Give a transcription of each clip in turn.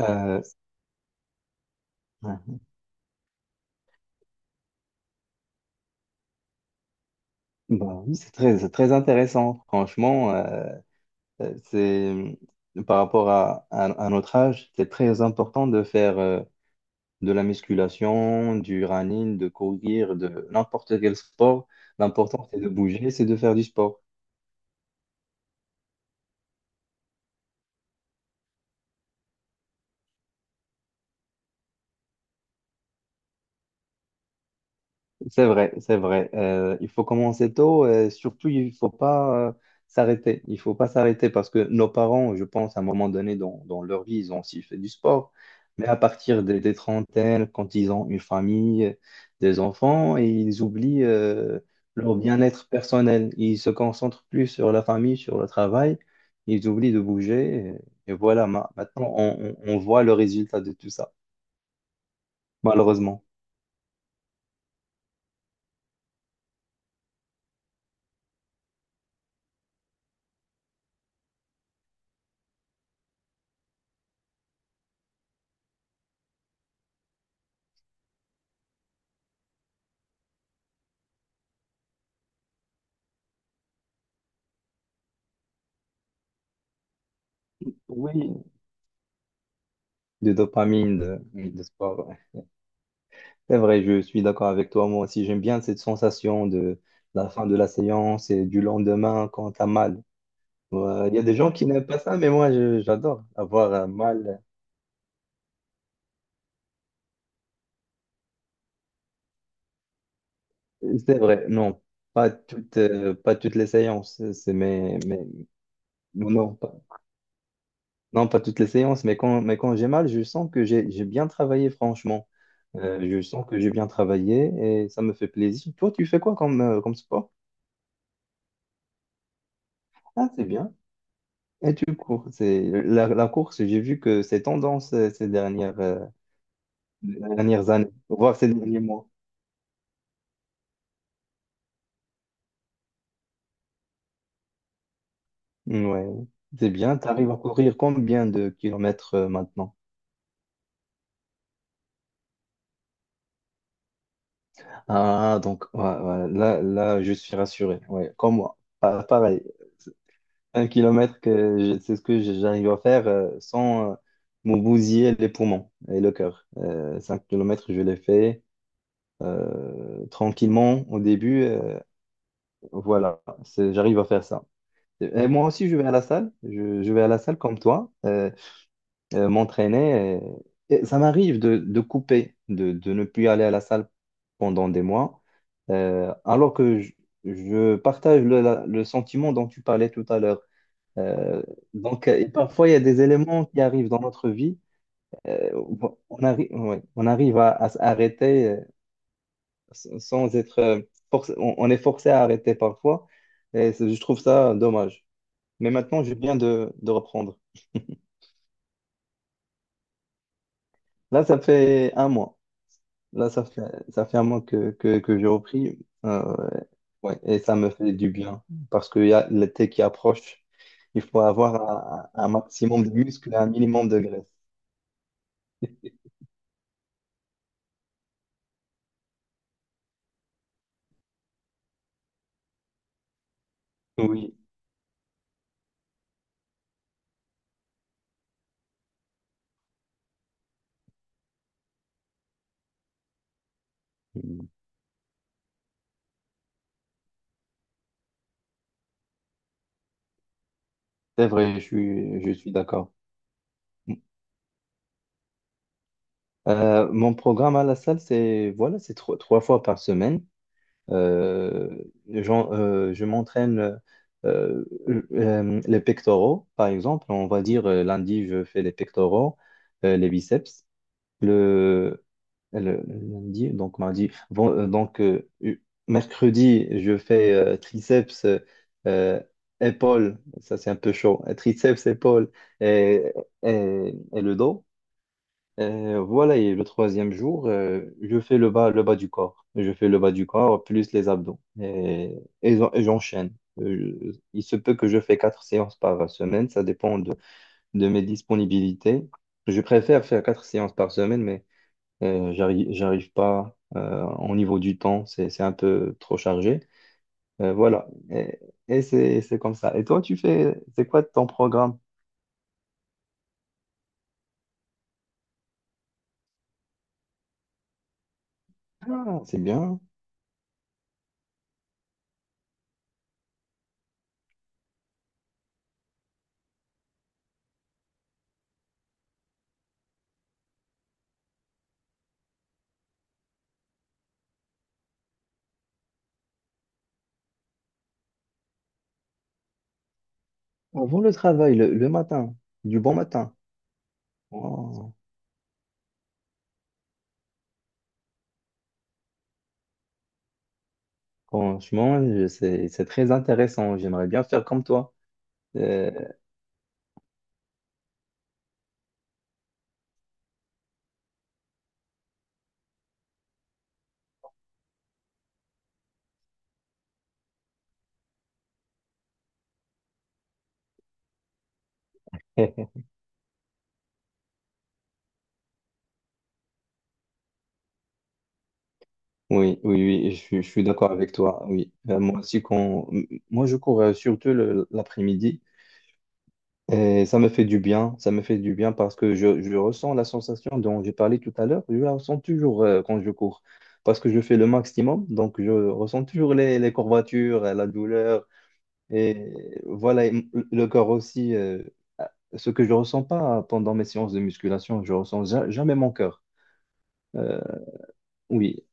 Euh, ouais. Bah oui, c'est très intéressant. Franchement, c'est par rapport à notre âge, c'est très important de faire de la musculation, du running, de courir, de n'importe quel sport. L'important, c'est de bouger, c'est de faire du sport. C'est vrai. Il faut commencer tôt et surtout, il faut pas s'arrêter. Il faut pas s'arrêter parce que nos parents, je pense, à un moment donné dans leur vie, ils ont aussi fait du sport. Mais à partir des trentaines, quand ils ont une famille, des enfants, et ils oublient leur bien-être personnel. Ils se concentrent plus sur la famille, sur le travail. Ils oublient de bouger. Et voilà, maintenant, on voit le résultat de tout ça, malheureusement. Oui, de dopamine, de sport. C'est vrai, je suis d'accord avec toi. Moi aussi, j'aime bien cette sensation de la fin de la séance et du lendemain quand t'as mal. Ouais, il y a des gens qui n'aiment pas ça, mais moi, j'adore avoir mal. C'est vrai, non, pas toutes les séances. C'est mais non, pas, non, pas toutes les séances, mais quand j'ai mal, je sens que j'ai bien travaillé, franchement. Je sens que j'ai bien travaillé et ça me fait plaisir. Toi, tu fais quoi comme, comme sport? Ah, c'est bien. Et tu cours, c'est la course, j'ai vu que c'est tendance dernières années, voire ces derniers mois. Ouais, c'est bien, tu arrives à courir combien de kilomètres maintenant? Ah, donc ouais, ouais, là, je suis rassuré, ouais, comme moi. Pareil, un kilomètre, c'est ce que j'arrive à faire sans me bousiller les poumons et le cœur. 5 kilomètres, je l'ai fait tranquillement au début, voilà, j'arrive à faire ça. Et moi aussi, je vais à la salle. Je vais à la salle comme toi, m'entraîner. Et ça m'arrive de couper, de ne plus aller à la salle pendant des mois, alors que je partage le sentiment dont tu parlais tout à l'heure. Euh, et parfois, il y a des éléments qui arrivent dans notre vie. euh, on arrive, ouais, on arrive à s'arrêter sans être... on est forcé à arrêter parfois. Je trouve ça dommage. Mais maintenant, je viens de reprendre. Là, ça fait un mois. Là, ça fait, ça fait un mois que j'ai repris. Euh, ouais, et ça me fait du bien parce qu'il y a l'été qui approche. Il faut avoir un maximum de muscles et un minimum de graisse. Oui, c'est vrai, je suis d'accord. Mon programme à la salle, c'est voilà, c'est trois fois par semaine. Euh, je m'entraîne euh, les pectoraux, par exemple. On va dire lundi, je fais les pectoraux, les biceps. Le, Lundi, donc mardi, bon, mercredi, je fais triceps, euh, épaules. Ça, c'est un peu chaud. Triceps, épaules et, et le dos. Voilà, et le troisième jour, je fais le bas du corps. Je fais le bas du corps plus les abdos. Et j'enchaîne. Il se peut que je fais quatre séances par semaine, ça dépend de mes disponibilités. Je préfère faire quatre séances par semaine, mais j'arrive pas au niveau du temps, c'est un peu trop chargé. Voilà, et c'est comme ça. Et toi, tu fais, c'est quoi ton programme? Ah, c'est bien. Avant le travail, le matin, du bon matin. Oh. Franchement, c'est très intéressant. J'aimerais bien faire comme toi. Euh, oui, oui, oui, je suis d'accord avec toi. Oui, moi aussi, moi je cours l'après-midi et ça me fait du bien. Ça me fait du bien parce que je ressens la sensation dont j'ai parlé tout à l'heure. Je la ressens toujours quand je cours parce que je fais le maximum. Donc, je ressens toujours les courbatures, la douleur. Et voilà, le corps aussi, ce que je ressens pas pendant mes séances de musculation, je ressens jamais mon cœur. Euh, oui.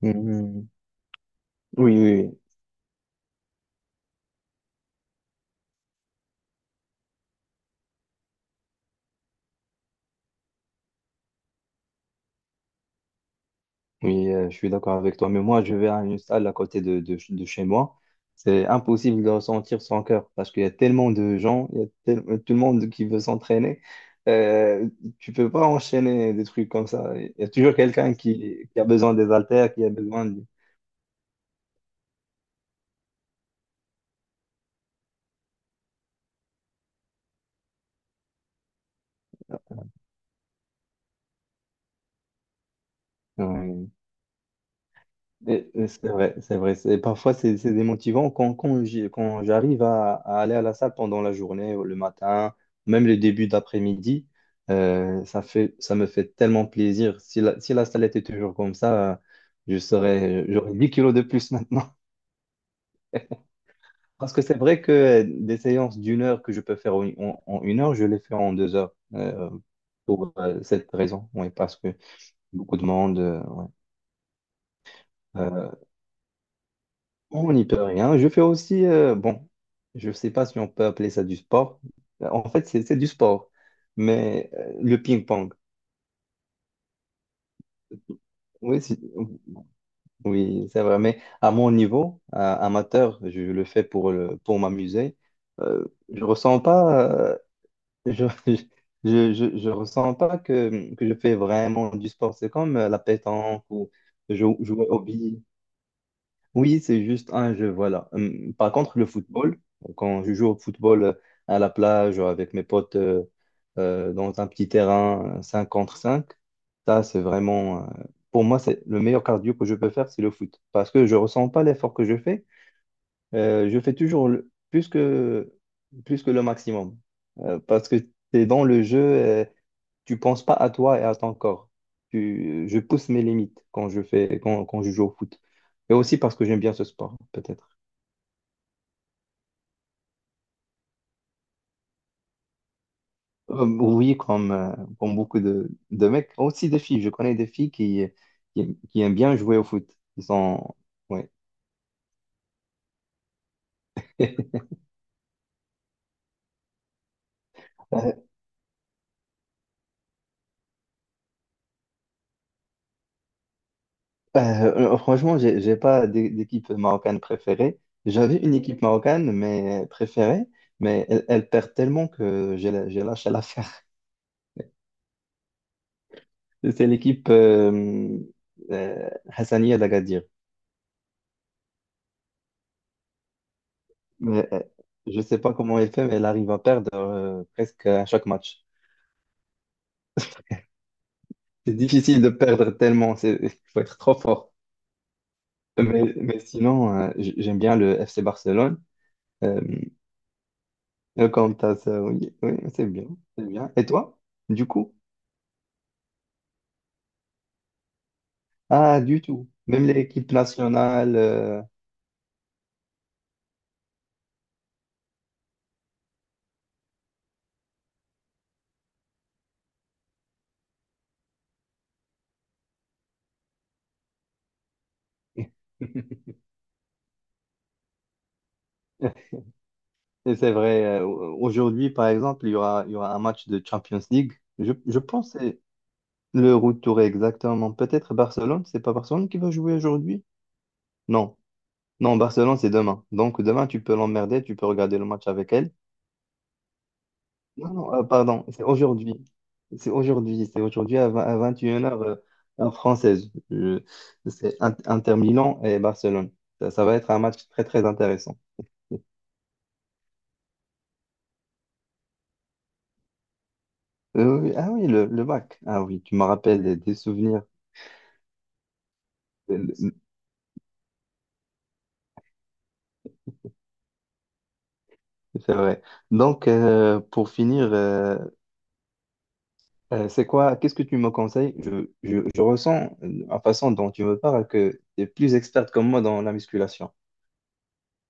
Mhm. Oui, oui, oui. Oui, je suis d'accord avec toi. Mais moi, je vais à une salle à côté de chez moi. C'est impossible de ressentir son cœur parce qu'il y a tellement de gens, il y a tel- tout le monde qui veut s'entraîner. Euh, tu peux pas enchaîner des trucs comme ça. Il y a toujours quelqu'un qui a besoin des haltères, qui a besoin de... Ouais. Et c'est vrai, c'est vrai. Parfois, c'est démotivant quand j'arrive à aller à la salle pendant la journée, le matin, même le début d'après-midi. Ça fait, ça me fait tellement plaisir. Si la salle était toujours comme ça, j'aurais 10 kilos de plus maintenant. Parce que c'est vrai que des séances d'une heure que je peux faire en une heure, je les fais en 2 heures. Pour cette raison. Oui, parce que beaucoup de monde. euh, Oh, on n'y peut rien. Je fais aussi, bon, je ne sais pas si on peut appeler ça du sport. En fait, c'est du sport, mais le ping-pong. Oui, oui, c'est vrai. Mais à mon niveau, amateur, je le fais pour le, pour m'amuser. Je ressens pas, je, je ressens pas que, que je fais vraiment du sport. C'est comme la pétanque ou jouer au billes. Oui, c'est juste un jeu, voilà. Par contre, le football, quand je joue au football à la plage ou avec mes potes dans un petit terrain 5 contre 5, ça, c'est vraiment, pour moi, c'est le meilleur cardio que je peux faire, c'est le foot. Parce que je ressens pas l'effort que je fais. Je fais toujours plus que le maximum. Parce que tu es dans le jeu, tu penses pas à toi et à ton corps. Je pousse mes limites quand je fais, quand je joue au foot. Et aussi parce que j'aime bien ce sport, peut-être. Oui, comme, comme beaucoup de mecs, aussi des filles. Je connais des filles qui aiment bien jouer au foot. Ils sont, ouais. Franchement, j'ai pas d'équipe marocaine préférée. J'avais une équipe marocaine mais préférée, mais elle perd tellement que j'ai lâché l'affaire. C'est l'équipe Hassania d'Agadir. Mais je ne sais pas comment elle fait, mais elle arrive à perdre presque à chaque match. C'est difficile de perdre tellement, il faut être trop fort. Mais sinon, j'aime bien le FC Barcelone. Euh, le Camtas, quant à ça, oui, oui, c'est bien, c'est bien. Et toi, du coup? Ah, du tout. Même l'équipe nationale. Euh, et c'est vrai. Aujourd'hui, par exemple, il y aura un match de Champions League. Je pense, que le retour est exactement. Peut-être Barcelone, c'est pas Barcelone qui va jouer aujourd'hui? Non. Non, Barcelone, c'est demain. Donc demain, tu peux l'emmerder, tu peux regarder le match avec elle. Non, non, pardon, c'est aujourd'hui. C'est aujourd'hui à 20 à 21 heures heure française. C'est Inter Milan et Barcelone. Ça va être un match très très intéressant. Oui, oui. Ah oui, le bac. Ah oui, tu me rappelles des souvenirs. C'est c'est vrai. Donc, pour finir, c'est quoi, qu'est-ce que tu me conseilles? Je ressens, la façon dont tu me parles, que tu es plus experte que moi dans la musculation.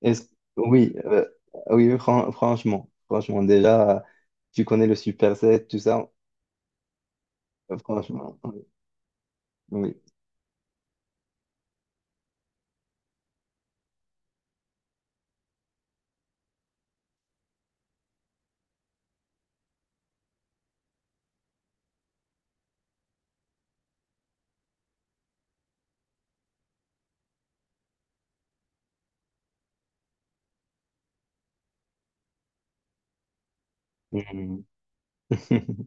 Est-ce- oui oui, franchement, franchement, déjà, tu connais le superset, tout ça. Franchement, oui. Oui. Mhm.